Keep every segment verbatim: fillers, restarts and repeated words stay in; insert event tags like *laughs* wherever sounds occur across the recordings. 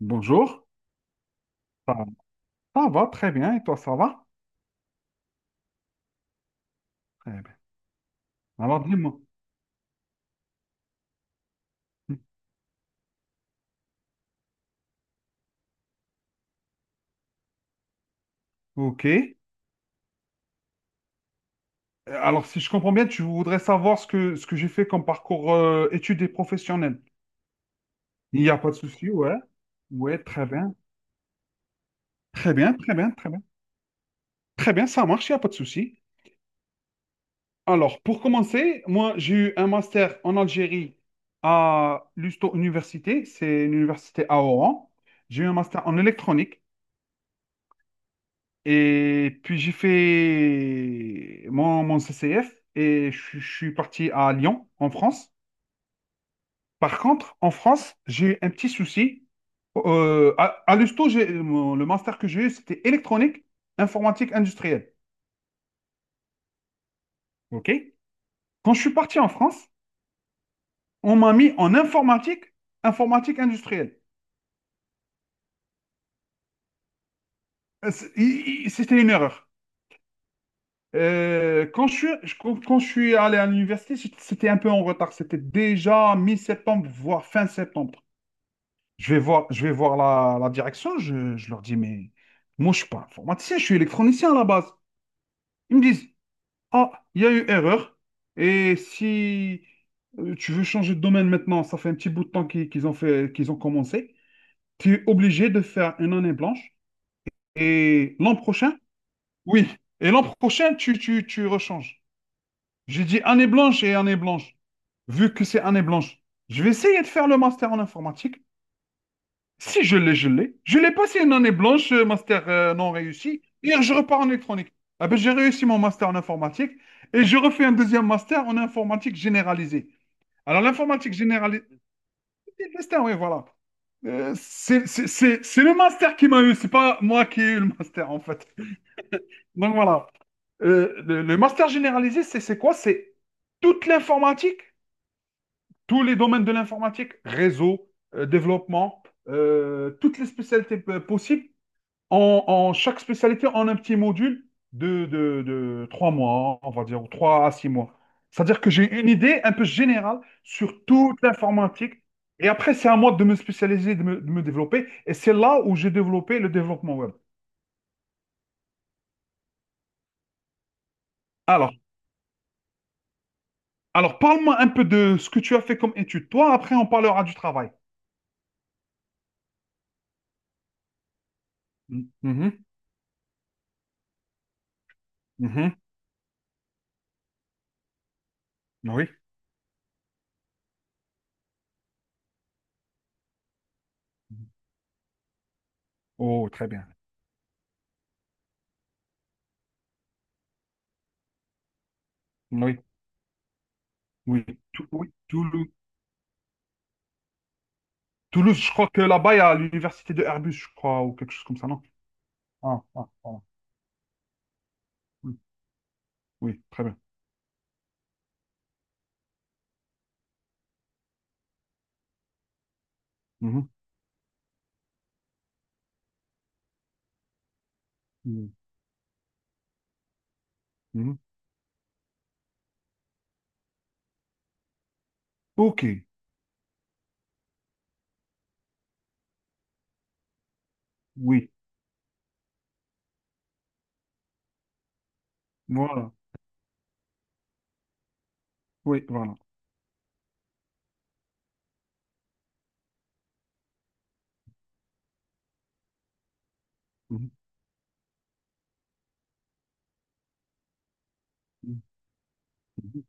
Bonjour, ça, ça va très bien et toi ça va? Très bien. Alors dis-moi. Ok. Alors si je comprends bien, tu voudrais savoir ce que, ce que j'ai fait comme parcours euh, études et professionnelles. Il n'y a pas de souci, ouais. Ouais, très bien. Très bien, très bien, très bien. Très bien, ça marche, il n'y a pas de souci. Alors pour commencer, moi j'ai eu un master en Algérie à l'Usto Université, c'est une université à Oran. J'ai eu un master en électronique. Et puis j'ai fait mon, mon C C F et je, je suis parti à Lyon, en France. Par contre, en France, j'ai eu un petit souci. Euh, à, à l'USTO, j'ai, mon- le master que j'ai eu, c'était électronique, informatique industrielle. OK? Quand je suis parti en France, on m'a mis en informatique, informatique industrielle. Euh, c'est- i- i- C'était une erreur. Euh, quand je suis, je- quand, quand je suis allé à l'université, c'était un peu en retard. C'était déjà mi-septembre, voire fin septembre. Je vais voir, je vais voir la, la direction, je, je leur dis, mais moi, je ne suis pas informaticien, je suis électronicien à la base. Ils me disent, ah, il y a eu erreur, et si euh, tu veux changer de domaine maintenant, ça fait un petit bout de temps qu'ils qu'ils ont fait, qu'ils ont commencé, tu es obligé de faire une année blanche, et l'an prochain, oui, et l'an prochain, tu, tu, tu rechanges. J'ai dit année blanche et année blanche, vu que c'est année blanche. Je vais essayer de faire le master en informatique. Si je l'ai, je l'ai. Je l'ai passé une année blanche, euh, master euh, non réussi. Hier, je repars en électronique. Ah ben, j'ai réussi mon master en informatique et je refais un deuxième master en informatique généralisée. Alors, l'informatique généralisée, oui, voilà. Euh, c'est c'est- c'est- c'est le master qui m'a eu, c'est pas moi qui ai eu le master, en fait. Donc, voilà. Euh, le, le master généralisé, c'est c'est quoi? C'est toute l'informatique, tous les domaines de l'informatique, réseau, euh, développement, euh, toutes les spécialités euh, possibles. En, en chaque spécialité, on a un petit module de, de, de trois mois, on va dire, ou trois à six mois. C'est-à-dire que j'ai une idée un peu générale sur toute l'informatique. Et après, c'est à moi de me spécialiser, de me, de me développer. Et c'est là où j'ai développé le développement web. Alors, alors parle-moi un peu de ce que tu as fait comme étude. Toi, après, on parlera du travail. Mm- mhm, mhm, oui. Oh, très bien. Oui, oui. Tou- oui, Toulouse. Toulouse, je crois que là-bas, il y a l'université de Airbus, je crois, ou quelque chose comme ça, non? Ah, ah, voilà. Mm. Oui, très bien. Mhm, mhm, mhm. Ok, oui, voilà. Oui, voilà. Mhm, mhm, mhm.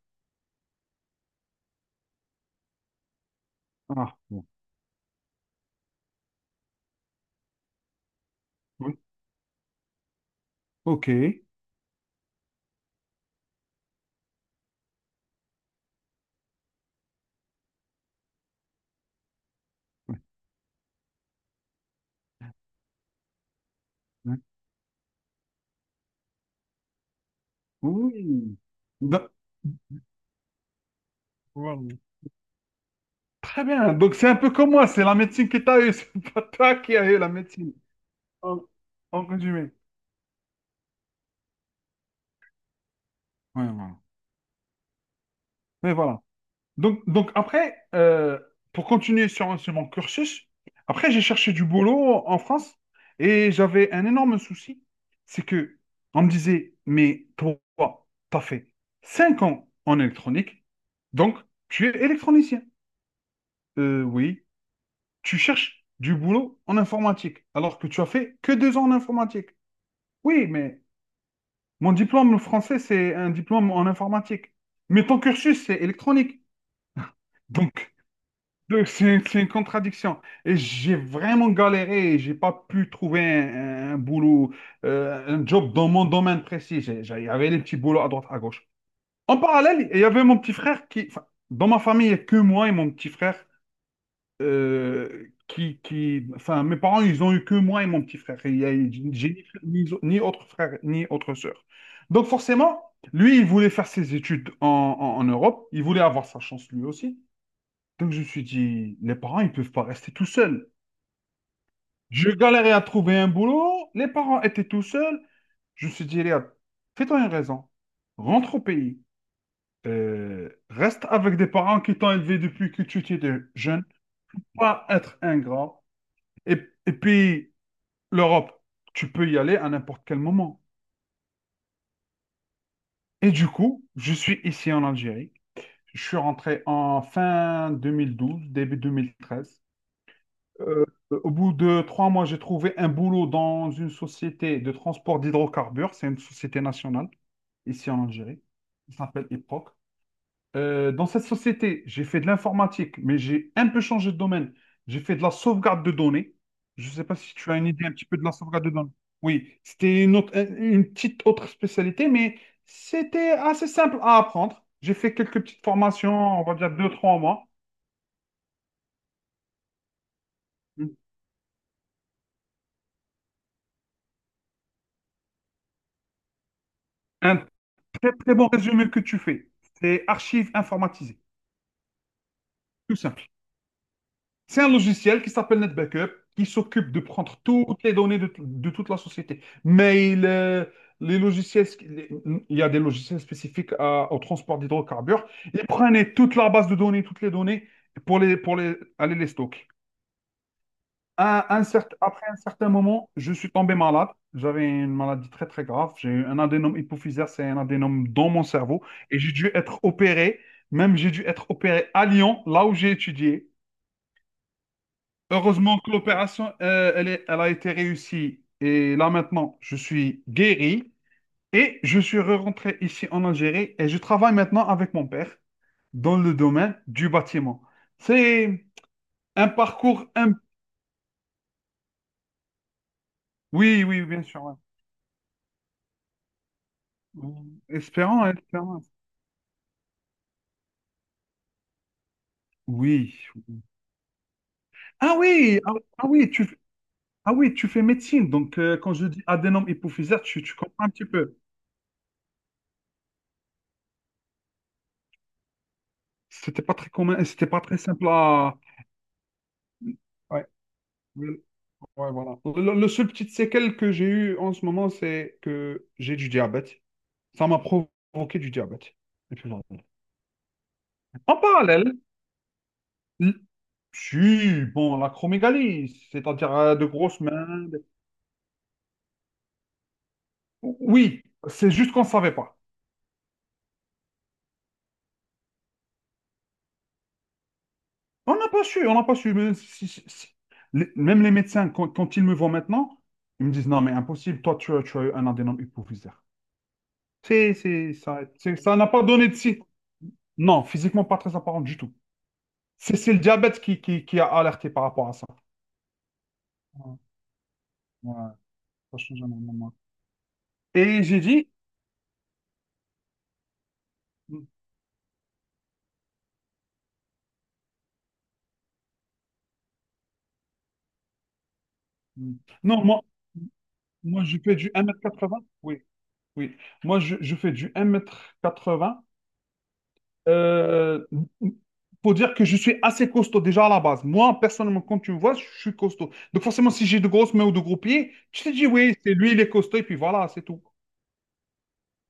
Ah, bon. Oui, ok. Oui, oui. Oui. Da- voilà. Très bien. Donc, c'est un peu comme moi, c'est la médecine que tu as eue, *laughs* c'est pas toi qui as eu la médecine. En, en résumé. Oui, voilà. Mais voilà. Donc, donc après, euh, pour continuer sur, sur mon cursus, après j'ai cherché du boulot en France et j'avais un énorme souci, c'est que on me disait, mais toi, t'as fait cinq ans en électronique, donc tu es électronicien. Euh, oui, tu cherches du boulot en informatique, alors que tu as fait que deux ans en informatique. Oui, mais mon diplôme français, c'est un diplôme en informatique. Mais ton cursus, c'est électronique. Donc, Donc, C'est c'est une contradiction. Et j'ai vraiment galéré. Et j'ai pas pu trouver un, un boulot, euh, un job dans mon domaine précis. J'ai- j'ai- Il y avait les petits boulots à droite, à gauche. En parallèle, il y avait mon petit frère qui, enfin, dans ma famille, il y a que moi et mon petit frère. euh, qui, qui, enfin, mes parents, ils ont eu que moi et mon petit frère. Il y a- J'ai ni, ni ni autre frère, ni autre sœur. Donc forcément, lui, il voulait faire ses études en en- en Europe. Il voulait avoir sa chance lui aussi. Donc je me suis dit, les parents, ils peuvent pas rester tout seuls. Je galérais à trouver un boulot, les parents étaient tout seuls. Je me suis dit, Léa, fais-toi une raison. Rentre au pays. Euh, reste avec des parents qui t'ont élevé depuis que tu étais de- jeune. Pas être ingrat. Et, et puis, l'Europe, tu peux y aller à n'importe quel moment. Et du coup, je suis ici en Algérie. Je suis rentré en fin deux mille douze, début deux mille treize. Euh, au bout de trois mois, j'ai trouvé un boulot dans une société de transport d'hydrocarbures. C'est une société nationale ici en Algérie. Il s'appelle IPROC. Euh, dans cette société, j'ai fait de l'informatique, mais j'ai un peu changé de domaine. J'ai fait de la sauvegarde de données. Je ne sais pas si tu as une idée un petit peu de la sauvegarde de données. Oui, c'était une autre- euh, une petite autre spécialité, mais c'était assez simple à apprendre. J'ai fait quelques petites formations, on va dire deux, trois mois. Un Très, très bon résumé que tu fais. C'est archives informatisées, tout simple. C'est un logiciel qui s'appelle NetBackup, qui s'occupe de prendre toutes les données de, de toute la société. Mail, euh, les logiciels, les- il y a des logiciels spécifiques à- au transport d'hydrocarbures. Ils prenaient toute la base de données, toutes les données, pour les, pour les, aller les stocker. À un certain- après un certain moment, je suis tombé malade. J'avais une maladie très très grave. J'ai eu un adénome hypophysaire, c'est un adénome dans mon cerveau. Et j'ai dû être opéré. Même j'ai dû être opéré à Lyon, là où j'ai étudié. Heureusement que l'opération, euh, elle est- elle a été réussie. Et là maintenant, je suis guéri. Et je suis rentré ici en Algérie. Et je travaille maintenant avec mon père dans le domaine du bâtiment. C'est un parcours... un- Oui, oui, bien sûr. Ouais. Espérons, espérons. Oui. Ah oui, ah, ah oui, tu, f- ah oui, tu fais médecine. Donc, euh, quand je dis adénome hypophysaire, tu, tu comprends un petit peu. C'était pas très commun, et c'était pas très simple à. Ouais, ouais, ouais, voilà. Le, le seul petit séquelle que j'ai eu en ce moment, c'est que j'ai du diabète. Ça m'a provoqué du diabète. Et puis, voilà. En parallèle, l- si, bon, l'acromégalie, c'est-à-dire euh, de grosses mains. de- Oui, c'est juste qu'on ne savait pas. On n'a pas su, on n'a pas su. Mais si- si- si- les- même les médecins, quand, quand ils me voient maintenant, ils me disent, non, mais impossible, toi, tu as, tu as eu un adénome hypophysaire. C'est, c'est, ça, c'est- ça n'a pas donné de signe. Non, physiquement, pas très apparent du tout. C'est c'est le diabète qui, qui, qui a alerté par rapport à ça. Ouais, ouais, ça change énormément. Et j'ai dit. Mm, mm. Non, moi, moi, je fais du un mètre quatre-vingts. Oui, oui. Moi, je, je fais du un mètre quatre-vingts. Euh, pour dire que je suis assez costaud déjà à la base. Moi, personnellement, quand tu me vois, je suis costaud. Donc forcément, si j'ai de grosses mains ou de gros pieds, tu te dis, oui, c'est lui, il est costaud, et puis voilà, c'est tout.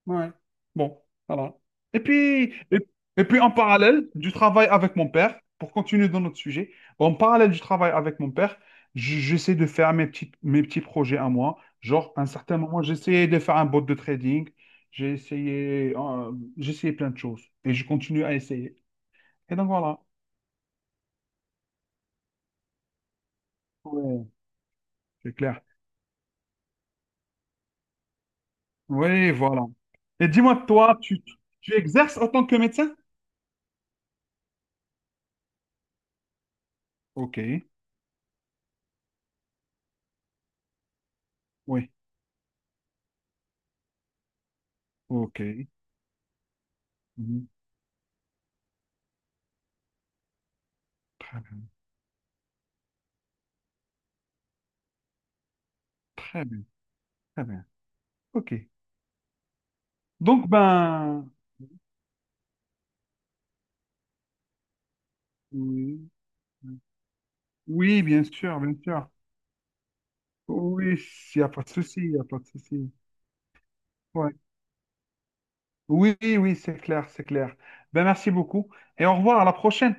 Ouais. Bon, voilà. Et puis, et, et puis en parallèle du travail avec mon père, pour continuer dans notre sujet, en parallèle du travail avec mon père, je- j'essaie de faire mes petits, mes petits projets à moi. Genre, à un certain moment, j'ai essayé de faire un bot de trading. J'ai essayé, euh, j'ai essayé plein de choses. Et je continue à essayer. Et donc voilà, ouais, c'est clair. Oui, voilà. Et dis-moi, toi, tu, tu exerces en tant que médecin? Ok, oui, ok. Mhm. Très bien, très bien, très bien. Ok. Donc, ben, oui, oui, bien sûr, bien sûr. Oui, il n'y a pas de souci, il n'y a pas de souci. Ouais. Oui, oui, c'est clair, c'est clair. Ben, merci beaucoup et au revoir, à la prochaine.